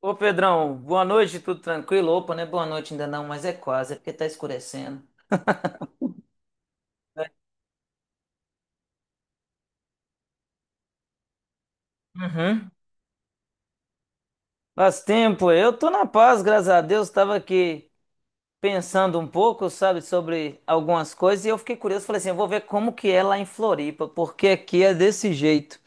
Ô Pedrão, boa noite, tudo tranquilo? Opa, não é boa noite ainda não, mas é quase, é porque tá escurecendo. Uhum. Faz tempo, eu tô na paz, graças a Deus, tava aqui pensando um pouco, sabe, sobre algumas coisas e eu fiquei curioso, falei assim, eu vou ver como que é lá em Floripa, porque aqui é desse jeito.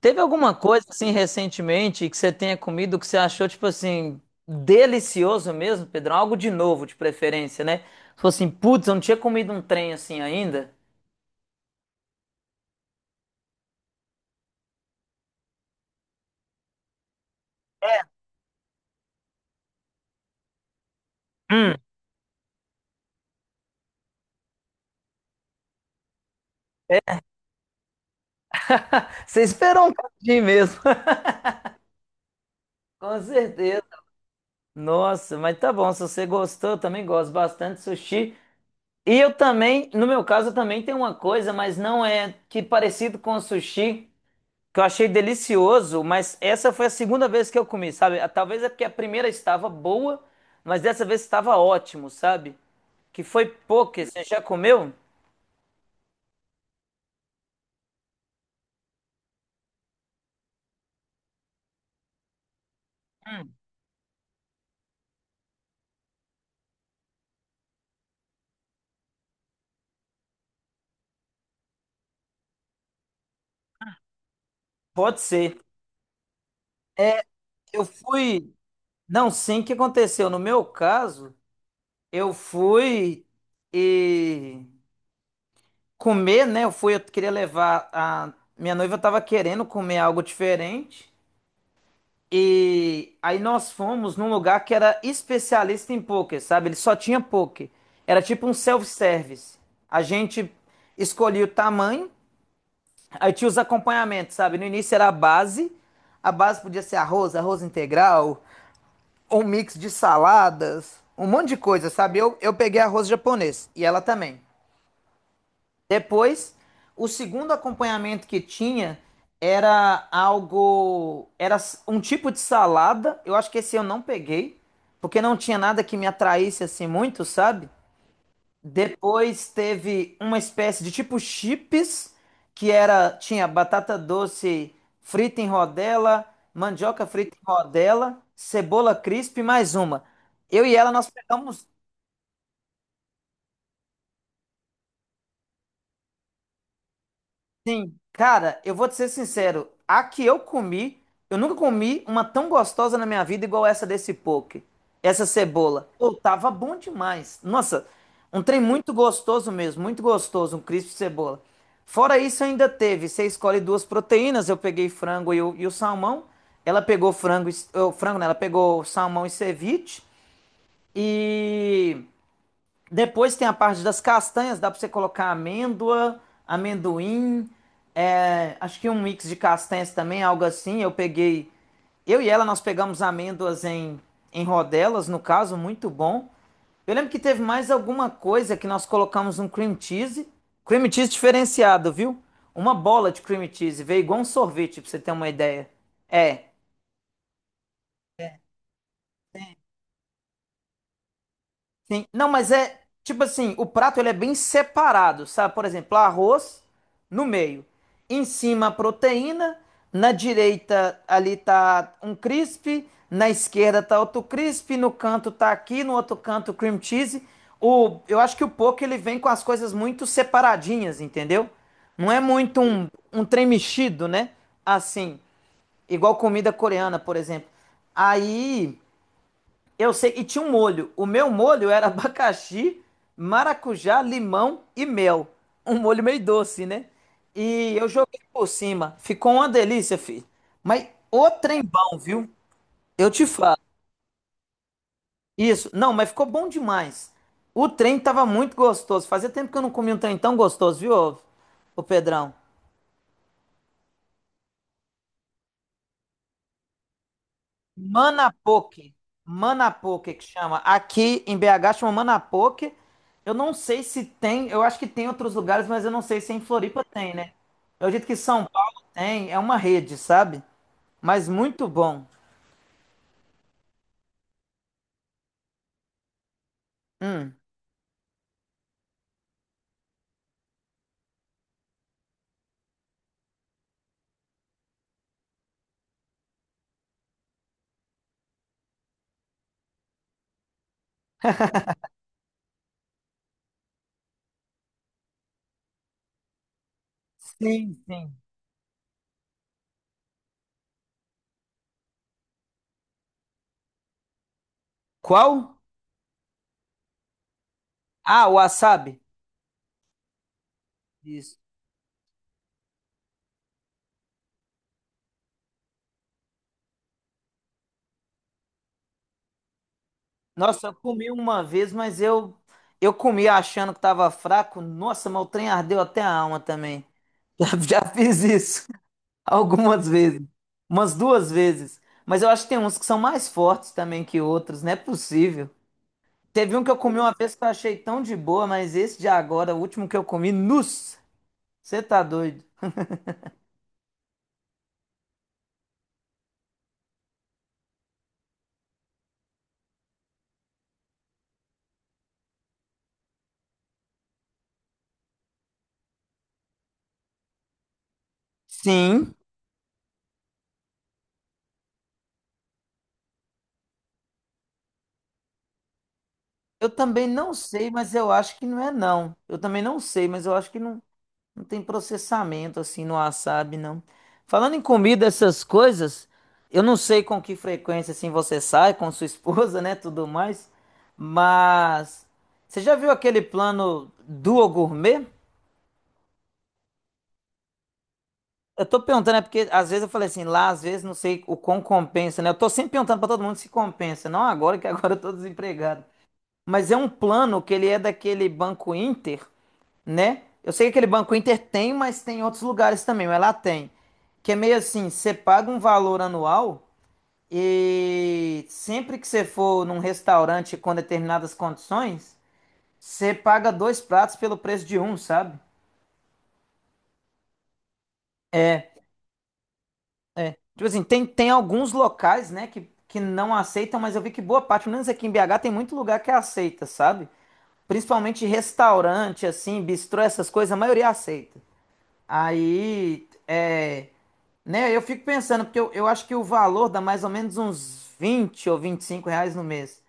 Teve alguma coisa assim recentemente que você tenha comido que você achou tipo assim delicioso mesmo, Pedrão? Algo de novo, de preferência, né? Falou assim, putz, eu não tinha comido um trem assim ainda. Você esperou um pouquinho mesmo. Com certeza. Nossa, mas tá bom, se você gostou, eu também gosto bastante de sushi. E eu também, no meu caso, eu também tenho uma coisa, mas não é que parecido com o sushi, que eu achei delicioso, mas essa foi a segunda vez que eu comi, sabe? Ah, talvez é porque a primeira estava boa, mas dessa vez estava ótimo, sabe? Que foi poke, você já comeu? Pode ser. É, eu fui. Não, sim, o que aconteceu? No meu caso, eu fui e comer, né? Eu fui, eu queria levar a minha noiva tava querendo comer algo diferente. E aí nós fomos num lugar que era especialista em poker, sabe? Ele só tinha poker. Era tipo um self-service. A gente escolhia o tamanho, aí tinha os acompanhamentos, sabe? No início era a base. A base podia ser arroz, arroz integral, um mix de saladas, um monte de coisa, sabe? Eu peguei arroz japonês e ela também. Depois, o segundo acompanhamento que tinha era algo, era um tipo de salada. Eu acho que esse eu não peguei, porque não tinha nada que me atraísse assim muito, sabe? Depois teve uma espécie de tipo chips, que era tinha batata doce frita em rodela, mandioca frita em rodela, cebola crisp e mais uma. Eu e ela nós pegamos. Sim, cara, eu vou te ser sincero. A que eu comi, eu nunca comi uma tão gostosa na minha vida igual essa desse poke. Essa cebola. Pô, tava bom demais. Nossa, um trem muito gostoso mesmo, muito gostoso, um crisp de cebola. Fora isso, ainda teve. Você escolhe duas proteínas. Eu peguei frango e o salmão. Ela pegou frango, o frango, né? Ela pegou salmão e ceviche. E. Depois tem a parte das castanhas, dá para você colocar amêndoa, amendoim, é, acho que um mix de castanhas também, algo assim. Eu peguei, eu e ela nós pegamos amêndoas em rodelas, no caso, muito bom. Eu lembro que teve mais alguma coisa que nós colocamos um cream cheese diferenciado, viu? Uma bola de cream cheese, veio igual um sorvete, para você ter uma ideia. É. Sim. Não, mas é tipo assim, o prato ele é bem separado, sabe? Por exemplo, arroz no meio, em cima a proteína, na direita ali tá um crisp, na esquerda tá outro crisp, no canto tá aqui, no outro canto cream cheese. O, eu acho que o poke ele vem com as coisas muito separadinhas, entendeu? Não é muito um, um trem mexido, né? Assim, igual comida coreana, por exemplo. Aí eu sei, e tinha um molho. O meu molho era abacaxi, maracujá, limão e mel. Um molho meio doce, né? E eu joguei por cima. Ficou uma delícia, filho. Mas o trem bom, viu? Eu te falo. Isso. Não, mas ficou bom demais. O trem tava muito gostoso. Fazia tempo que eu não comia um trem tão gostoso, viu, ô, ô Pedrão? Manapoque. Manapoque que chama. Aqui em BH chama Manapoque. Eu não sei se tem, eu acho que tem em outros lugares, mas eu não sei se em Floripa tem, né? Eu acredito que São Paulo tem, é uma rede, sabe? Mas muito bom. Hum. Sim, sim. Qual? Ah, o wasabi. Isso. Nossa, eu comi uma vez, mas eu comi achando que tava fraco. Nossa, mas o trem ardeu até a alma também. Já, já fiz isso. Algumas vezes. Umas duas vezes. Mas eu acho que tem uns que são mais fortes também que outros, não é possível. Teve um que eu comi uma vez que eu achei tão de boa, mas esse de agora, o último que eu comi, nossa, você tá doido? Sim. Eu também não sei, mas eu acho que não é não. Eu também não sei, mas eu acho que não. Não tem processamento assim no wasabi, não. Falando em comida, essas coisas, eu não sei com que frequência assim você sai com sua esposa, né, tudo mais, mas você já viu aquele plano Duo Gourmet? Eu tô perguntando, é porque às vezes eu falei assim, lá às vezes não sei o quão compensa, né? Eu tô sempre perguntando pra todo mundo se compensa, não agora que agora eu tô desempregado. Mas é um plano que ele é daquele Banco Inter, né? Eu sei que aquele Banco Inter tem, mas tem em outros lugares também, mas lá tem. Que é meio assim, você paga um valor anual e sempre que você for num restaurante com determinadas condições, você paga dois pratos pelo preço de um, sabe? Tipo assim, tem alguns locais, né, que não aceitam, mas eu vi que boa parte, pelo menos aqui em BH, tem muito lugar que aceita, sabe? Principalmente restaurante, assim, bistrô, essas coisas, a maioria aceita. Aí, é, né, eu fico pensando, porque eu acho que o valor dá mais ou menos uns 20 ou 25 reais no mês.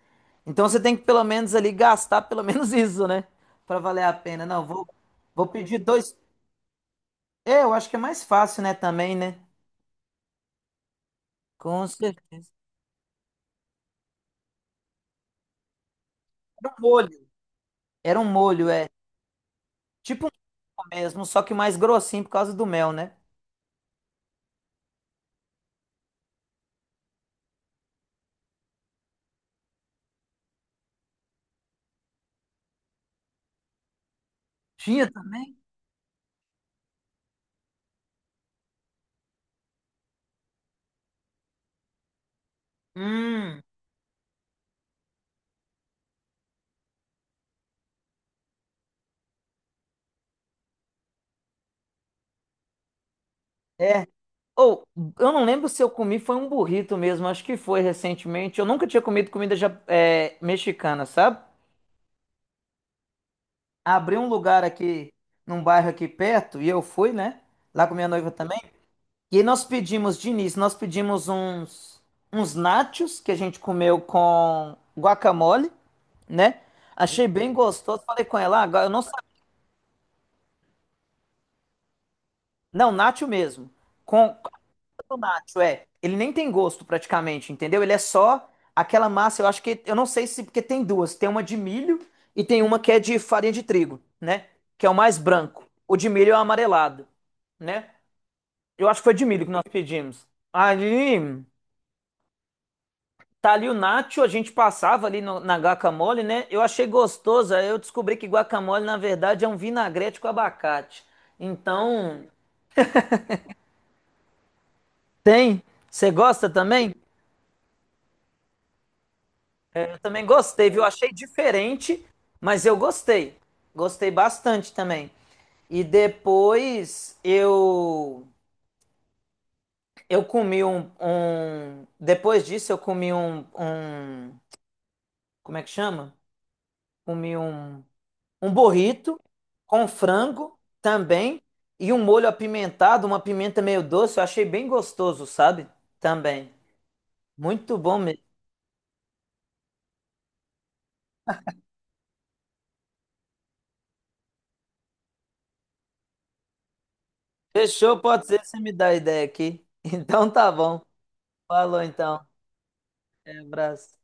Então você tem que pelo menos ali gastar pelo menos isso, né? Pra valer a pena. Não, vou, vou pedir dois. É, eu acho que é mais fácil, né? Também, né? Com certeza. Era um molho. Era um molho, é. Tipo um mesmo, só que mais grossinho por causa do mel, né? Tinha também? Hum, é. Ou, eu não lembro se eu comi, foi um burrito mesmo, acho que foi recentemente. Eu nunca tinha comido comida é, mexicana, sabe? Abri um lugar aqui, num bairro aqui perto, e eu fui, né? Lá com minha noiva também. E aí nós pedimos, de início, nós pedimos uns nachos que a gente comeu com guacamole, né? Achei bem gostoso. Falei com ela, "Ah, agora eu não sabia." Não, nacho mesmo. Com nacho, é. Ele nem tem gosto praticamente, entendeu? Ele é só aquela massa, eu acho que. Eu não sei se. Porque tem duas. Tem uma de milho e tem uma que é de farinha de trigo, né? Que é o mais branco. O de milho é o amarelado, né? Eu acho que foi de milho que nós pedimos. Ali, tá ali o nacho, a gente passava ali na guacamole, né? Eu achei gostoso, aí eu descobri que guacamole, na verdade, é um vinagrete com abacate. Então, tem? Você gosta também? É, eu também gostei, viu? Achei diferente, mas eu gostei. Gostei bastante também. E depois eu comi um, depois disso eu comi um como é que chama? Comi um um burrito com frango também e um molho apimentado, uma pimenta meio doce. Eu achei bem gostoso, sabe? Também. Muito bom mesmo. Fechou, pode ser, você me dá a ideia aqui. Então tá bom. Falou então. Um abraço.